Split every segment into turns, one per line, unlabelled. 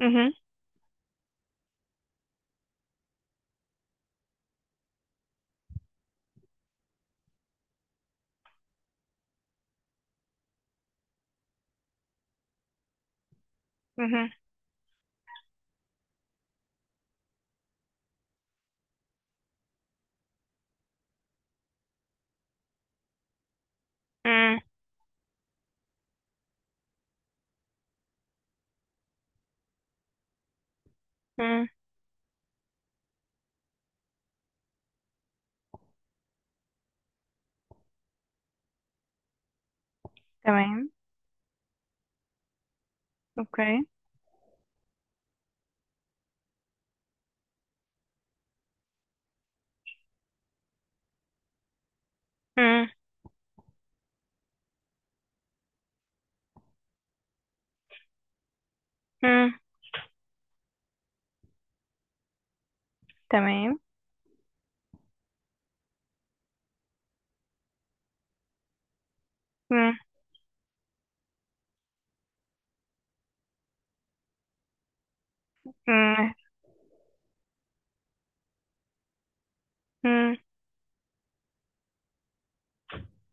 مهم. مهم. مم. مم. تمام. اوكي. مم. مم. تمام. مم. مم. مم.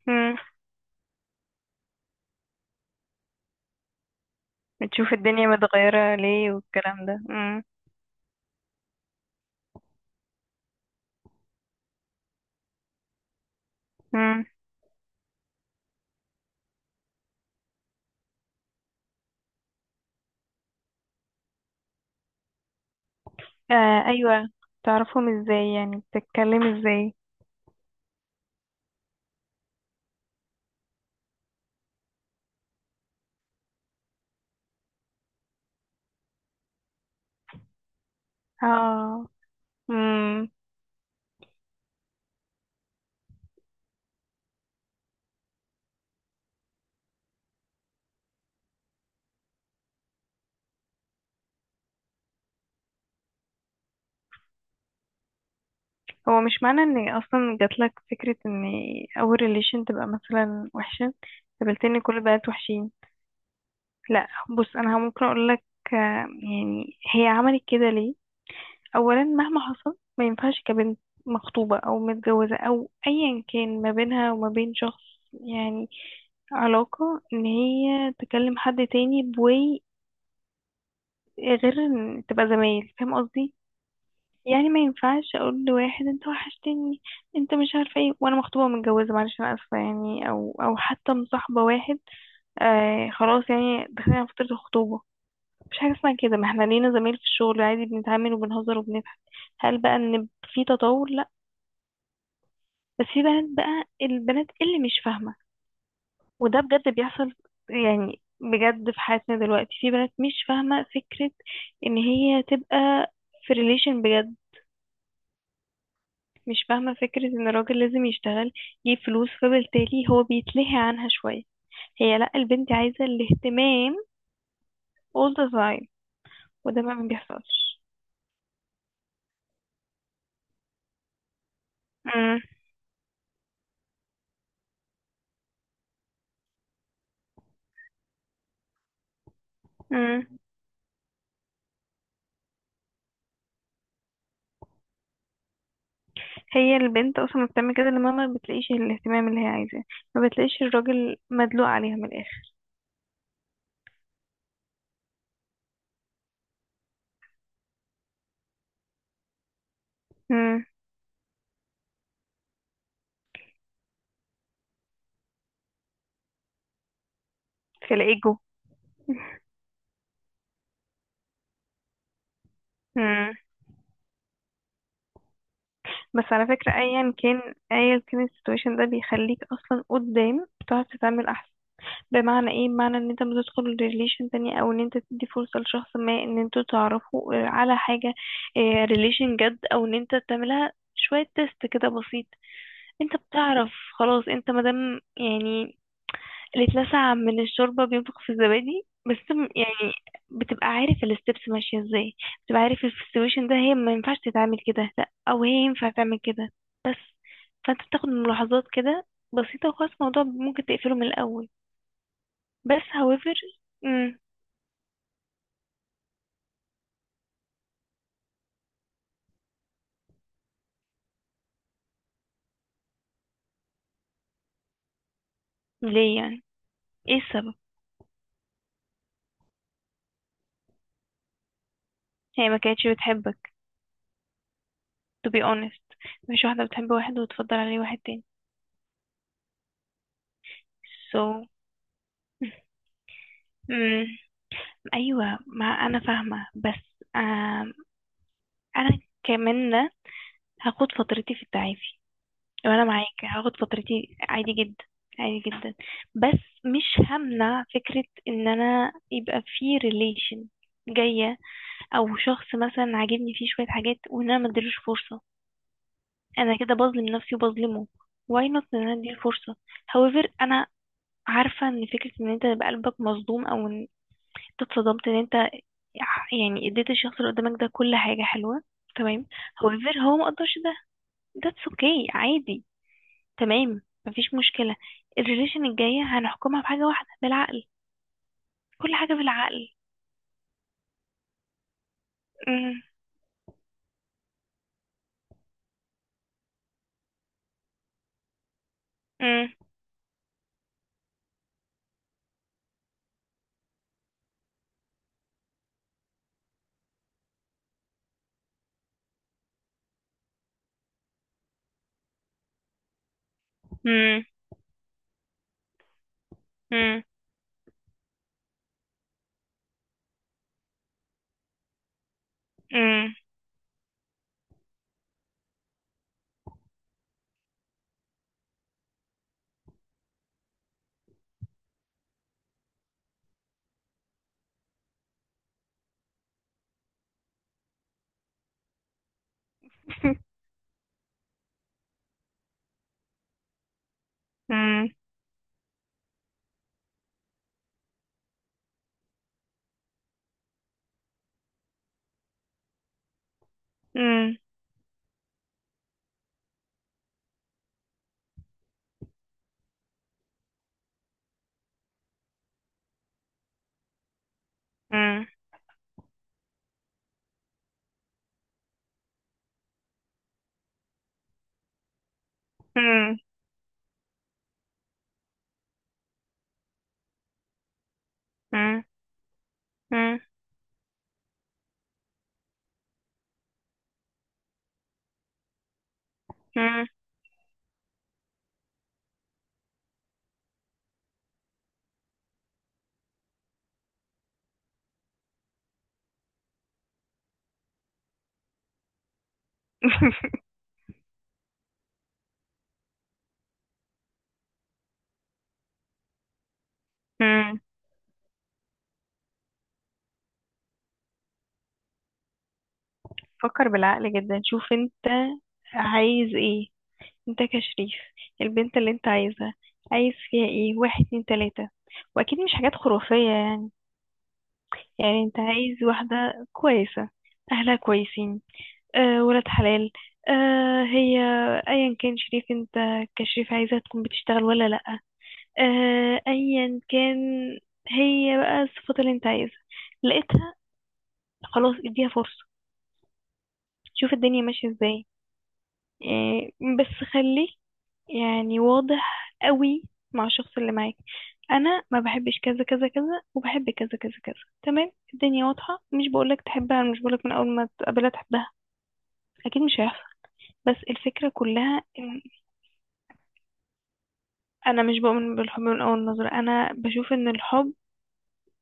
مم. بتشوف الدنيا متغيرة ليه والكلام ده. مم. مم. آه ايوه. تعرفهم ازاي؟ يعني بتتكلم ازاي؟ اه. مم. هو مش معنى ان اصلا جاتلك فكرة ان اول ريليشن تبقى مثلا وحشة قابلت ان كل البنات وحشين. لا، بص انا ممكن اقولك، آه، يعني هي عملت كده ليه؟ اولا مهما حصل ما ينفعش كبنت مخطوبة او متجوزة او ايا كان ما بينها وما بين شخص، يعني علاقة، ان هي تكلم حد تاني بوي، غير ان تبقى زمايل، فاهم قصدي؟ يعني ما ينفعش اقول لواحد انت وحشتني انت مش عارفه ايه وانا مخطوبه ومتجوزه، معلش انا اسفه يعني، او او حتى مصاحبه واحد. آه خلاص يعني داخلين على فتره الخطوبه، مش حاجه اسمها كده، ما احنا لينا زمايل في الشغل عادي بنتعامل وبنهزر وبنضحك. هل بقى ان في تطور؟ بس في بنات بقى البنات اللي مش فاهمة. وده بجد بيحصل، يعني بجد في حياتنا دلوقتي في بنات مش فاهمة فكرة ان هي تبقى في ريليشن بجد، مش فاهمة فكرة ان الراجل لازم يشتغل يجيب فلوس، فبالتالي هو بيتلهي عنها شوية. هي لا، البنت عايزة الاهتمام all the time. وده بقى ما بيحصلش. مم. مم. هي البنت اصلا بتعمل كده لما ما بتلاقيش الاهتمام اللي هي عايزاه، ما بتلاقيش الراجل مدلوق عليها من الاخر. مم. في الايجو. بس على فكرة، أيا كان أيا كان السيتويشن ده بيخليك أصلا قدام بتعرف تتعامل أحسن. بمعنى ايه؟ بمعنى ان انت بتدخل ريليشن تانية، او ان انت تدي فرصة لشخص ما ان انتوا تعرفوا على حاجة، ريليشن جد، او ان انت تعملها شوية تيست كده بسيط. انت بتعرف، خلاص انت مادام يعني اللي اتلسع من الشوربة بينفخ في الزبادي، بس يعني بتبقى عارف الستبس ماشية ازاي، بتبقى عارف في السيتويشن ده هي ما ينفعش تتعامل كده لا، او هي ينفع تعمل كده. بس فانت بتاخد ملاحظات كده بسيطة وخلاص الموضوع ممكن تقفله من الأول. بس however. مم. ليه يعني؟ ايه السبب؟ هي ما كانتش بتحبك to be honest. مفيش واحدة بتحب واحد وتفضل عليه واحد تاني. so. مم. ايوه، ما انا فاهمة، بس انا كمان هاخد فترتي في التعافي، وانا معاك هاخد فترتي عادي جدا، عادي جدا. بس مش همنع فكرة ان انا يبقى في ريليشن جاية، او شخص مثلا عاجبني فيه شوية حاجات وان انا مديلوش فرصة، انا كده بظلم نفسي وبظلمه. واي نوت ان انا اديله فرصة. however انا عارفة ان فكرة ان انت يبقى قلبك مصدوم، او ان انت اتصدمت ان انت يعني اديت الشخص اللي قدامك ده كل حاجة حلوة، تمام. however هو مقدرش ده. that's okay، عادي. تمام، مفيش مشكلة. الريليشن الجاية هنحكمها بحاجة واحدة، بالعقل. كل حاجة بالعقل. مم، مم، مم، مم، مم، مم، مم، مم، مم، مم، مم، مم. مم. فكر بالعقل جدا، شوف انت عايز ايه. انت كشريف البنت اللي انت عايزها عايز فيها ايه؟ واحد اتنين تلاتة، واكيد مش حاجات خرافية يعني. يعني انت عايز واحدة كويسة، اهلها كويسين، آه ولاد حلال، آه هي ايا كان شريف انت، كشريف عايزة تكون بتشتغل ولا لا، آه ايا كان. هي بقى الصفات اللي انت عايزها لقيتها، خلاص اديها فرصة، شوف الدنيا ماشية ازاي. آه بس خليك يعني واضح قوي مع الشخص اللي معاك. انا ما بحبش كذا كذا كذا وبحب كذا كذا كذا. تمام الدنيا واضحة. مش بقولك تحبها، مش بقولك من اول ما تقابلها تحبها، اكيد مش هيحصل. بس الفكرة كلها، انا مش بؤمن بالحب من اول نظرة، انا بشوف ان الحب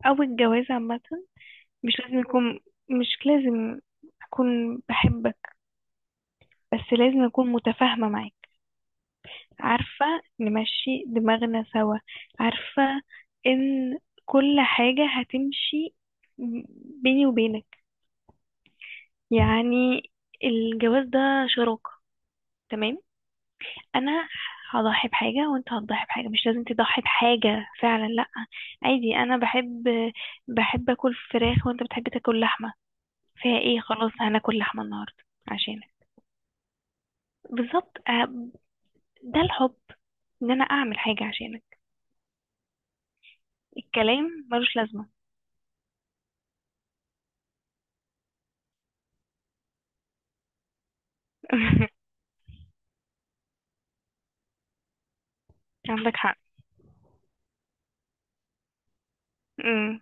او الجواز عامة مش لازم يكون، مش لازم اكون بحبك، بس لازم اكون متفاهمة معاك. عارفة نمشي دماغنا سوا، عارفة ان كل حاجة هتمشي بيني وبينك. يعني الجواز ده شراكة، تمام. انا هضحي بحاجة وانت هتضحي بحاجة، مش لازم تضحي بحاجة فعلا، لا، عادي. انا بحب اكل فراخ وانت بتحب تاكل لحمة، فيها ايه، خلاص هناكل لحمة النهاردة عشانك. بالظبط ده الحب، ان انا اعمل حاجة عشانك. الكلام ملوش لازمة. عندك حق. امم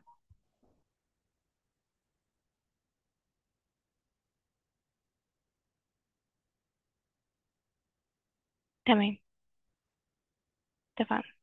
تمام، اتفقنا.